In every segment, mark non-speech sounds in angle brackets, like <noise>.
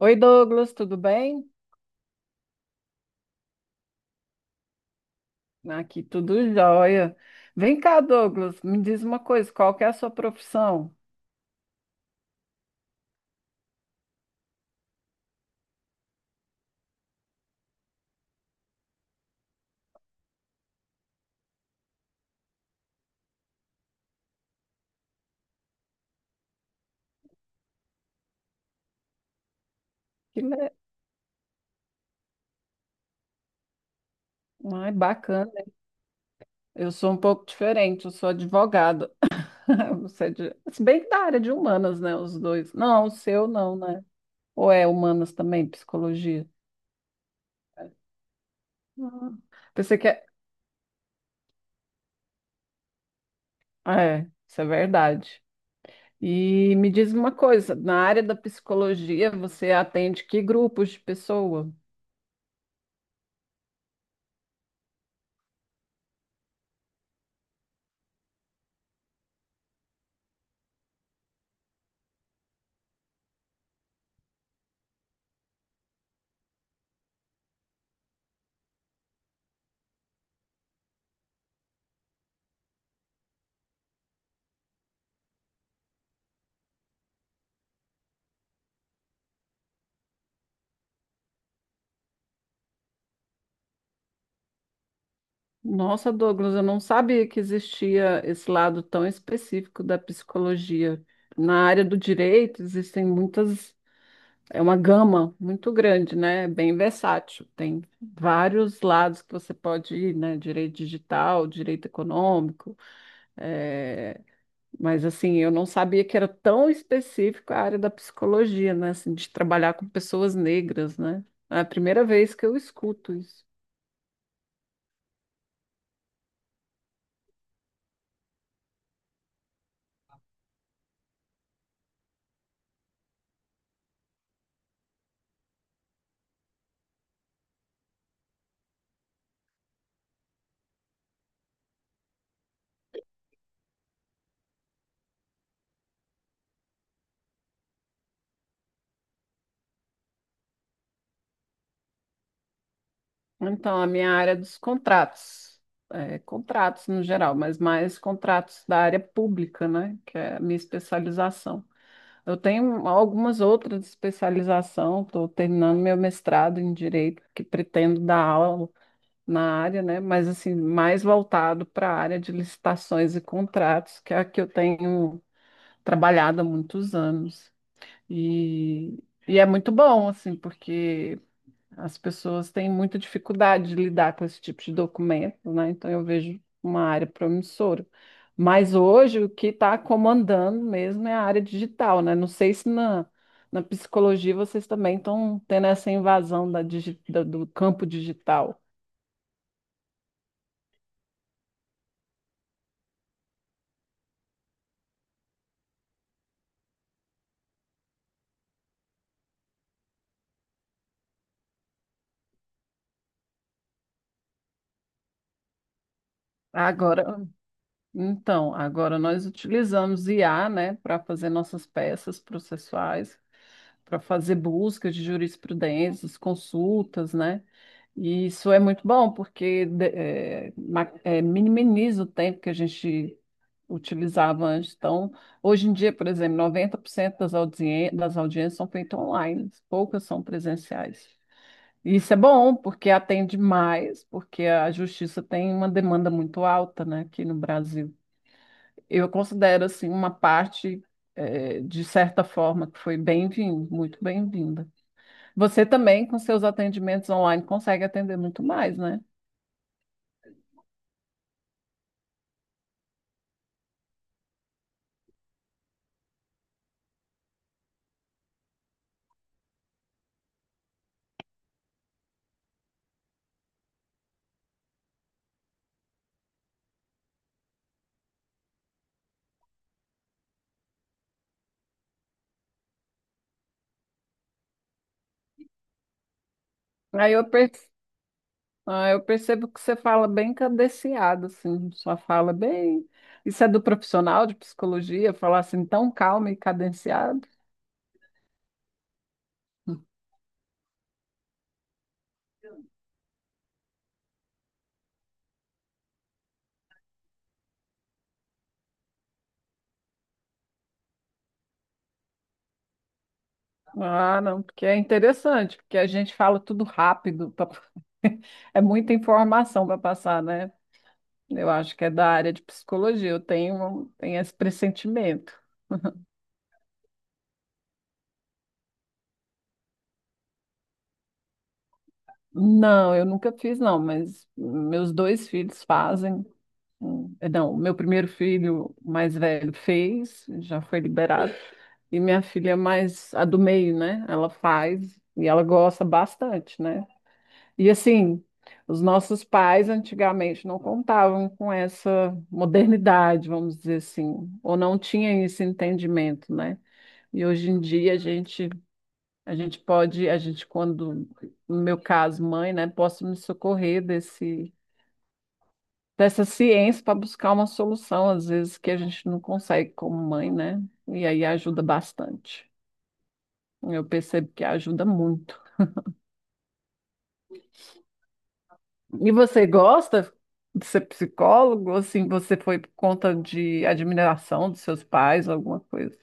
Oi, Douglas, tudo bem? Aqui tudo jóia. Vem cá, Douglas, me diz uma coisa, qual que é a sua profissão? Que le... Ai, bacana. Eu sou um pouco diferente, eu sou advogada. <laughs> Se bem que da área de humanas, né, os dois. Não, o seu não, né? Ou é humanas também, psicologia? Ah, pensei que é... Ah, é, isso é verdade. E me diz uma coisa, na área da psicologia, você atende que grupos de pessoa? Nossa, Douglas, eu não sabia que existia esse lado tão específico da psicologia. Na área do direito, existem muitas, é uma gama muito grande, né? É bem versátil. Tem vários lados que você pode ir, né? Direito digital, direito econômico. eh, Mas, assim, eu não sabia que era tão específico a área da psicologia, né? Assim, de trabalhar com pessoas negras, né? É a primeira vez que eu escuto isso. Então, a minha área é dos contratos, é, contratos no geral, mas mais contratos da área pública, né, que é a minha especialização. Eu tenho algumas outras especializações, estou terminando meu mestrado em Direito, que pretendo dar aula na área, né, mas assim, mais voltado para a área de licitações e contratos, que é a que eu tenho trabalhado há muitos anos. E, e é muito bom, assim, porque as pessoas têm muita dificuldade de lidar com esse tipo de documento, né? Então eu vejo uma área promissora. Mas hoje o que está comandando mesmo é a área digital, né? Não sei se na, na psicologia vocês também estão tendo essa invasão da digi- da- do campo digital. Agora, então, agora nós utilizamos IA, né, para fazer nossas peças processuais, para fazer buscas de jurisprudências, consultas, né? E isso é muito bom, porque minimiza o tempo que a gente utilizava antes. Então, hoje em dia, por exemplo, 90% das audiências são feitas online, poucas são presenciais. E isso é bom, porque atende mais, porque a justiça tem uma demanda muito alta, né, aqui no Brasil. Eu considero, assim, uma parte, de certa forma, que foi bem-vinda, muito bem-vinda. Você também, com seus atendimentos online, consegue atender muito mais, né? Aí eu percebo que você fala bem cadenciado, assim, sua fala bem. Isso é do profissional de psicologia, falar assim tão calmo e cadenciado? Hum. Ah, não, porque é interessante, porque a gente fala tudo rápido, <laughs> é muita informação para passar, né? Eu acho que é da área de psicologia, eu tenho esse pressentimento. Não, eu nunca fiz, não, mas meus dois filhos fazem. Não, meu primeiro filho mais velho fez, já foi liberado. E minha filha é mais, a do meio, né? Ela faz e ela gosta bastante, né? E assim, os nossos pais antigamente não contavam com essa modernidade, vamos dizer assim, ou não tinham esse entendimento, né? E hoje em dia a gente pode, a gente quando, no meu caso, mãe, né, posso me socorrer desse dessa ciência para buscar uma solução, às vezes, que a gente não consegue como mãe, né? E aí ajuda bastante. Eu percebo que ajuda muito. E você gosta de ser psicólogo? Assim, você foi por conta de admiração dos seus pais, alguma coisa?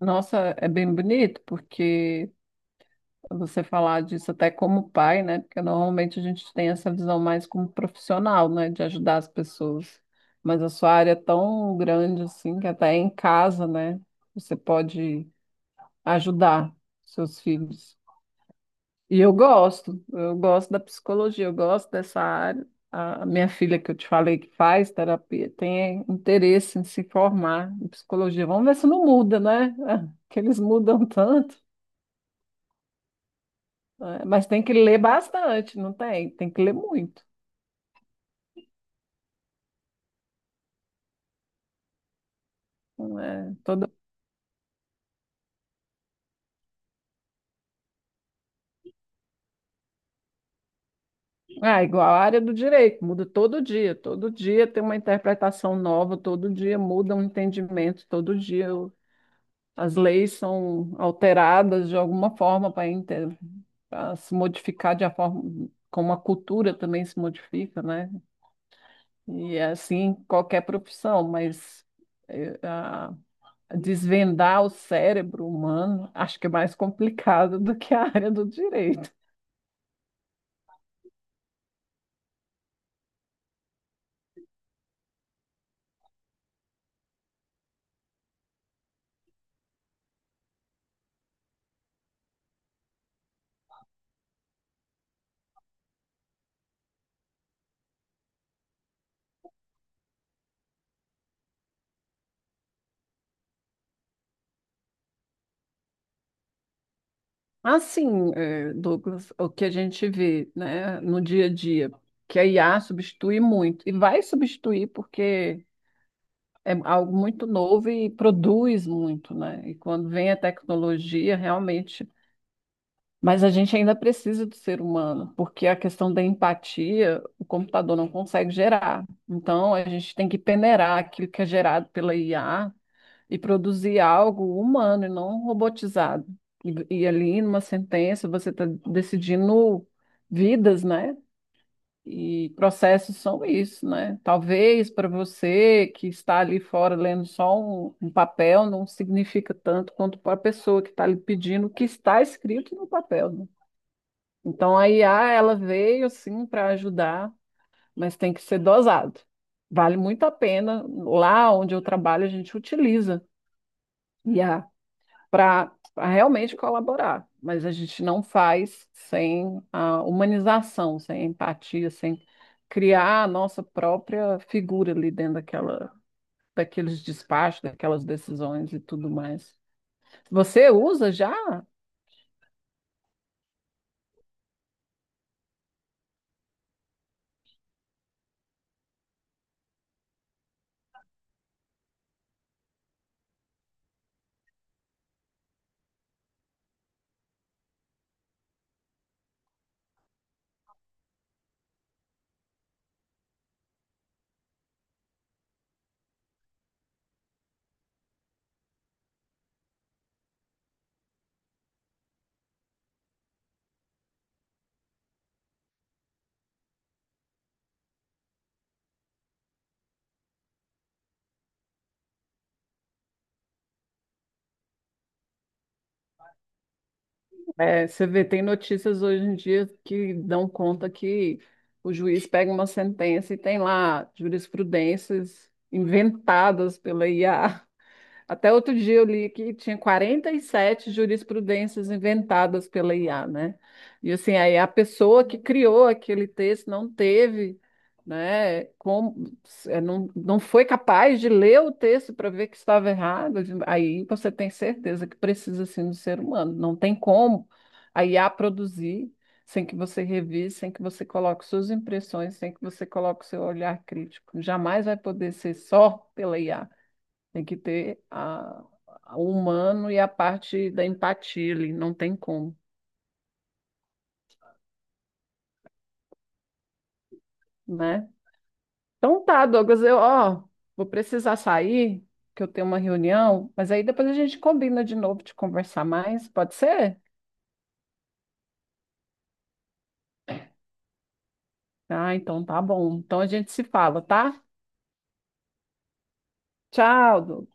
Nossa, é bem bonito, porque você falar disso até como pai, né? Porque normalmente a gente tem essa visão mais como profissional, né? De ajudar as pessoas. Mas a sua área é tão grande assim que até em casa, né? Você pode ajudar seus filhos. E eu gosto da psicologia, eu gosto dessa área. A minha filha que eu te falei que faz terapia tem interesse em se formar em psicologia. Vamos ver se não muda, né? <laughs> Que eles mudam tanto. É, mas tem que ler bastante, não tem? Tem que ler muito. Não é todo... Ah, igual a área do direito, muda todo dia. Todo dia tem uma interpretação nova, todo dia muda um entendimento, todo dia as leis são alteradas de alguma forma para se modificar de a forma como a cultura também se modifica, né? E é assim em qualquer profissão, mas desvendar o cérebro humano, acho que é mais complicado do que a área do direito. Assim, Douglas, o que a gente vê, né, no dia a dia, que a IA substitui muito, e vai substituir porque é algo muito novo e produz muito, né? E quando vem a tecnologia, realmente. Mas a gente ainda precisa do ser humano, porque a questão da empatia, o computador não consegue gerar. Então, a gente tem que peneirar aquilo que é gerado pela IA e produzir algo humano e não robotizado. E ali, numa sentença, você está decidindo vidas, né? E processos são isso, né? Talvez para você que está ali fora lendo só um papel, não significa tanto quanto para a pessoa que está ali pedindo o que está escrito no papel, né? Então a IA, ela veio assim para ajudar, mas tem que ser dosado. Vale muito a pena. Lá onde eu trabalho, a gente utiliza IA para realmente colaborar, mas a gente não faz sem a humanização, sem empatia, sem criar a nossa própria figura ali dentro daquela, daqueles despachos, daquelas decisões e tudo mais. Você usa já? É, você vê, tem notícias hoje em dia que dão conta que o juiz pega uma sentença e tem lá jurisprudências inventadas pela IA. Até outro dia eu li que tinha 47 jurisprudências inventadas pela IA, né? E assim, aí a pessoa que criou aquele texto não teve, né, como, não foi capaz de ler o texto para ver que estava errado. Aí você tem certeza que precisa assim do ser humano. Não tem como a IA produzir sem que você revise, sem que você coloque suas impressões, sem que você coloque o seu olhar crítico. Jamais vai poder ser só pela IA. Tem que ter a, o humano e a parte da empatia ali, não tem como, né? Então tá, Douglas, eu, ó, vou precisar sair, que eu tenho uma reunião, mas aí depois a gente combina de novo de conversar mais, pode ser? Ah, então tá bom. Então a gente se fala, tá? Tchau, Douglas.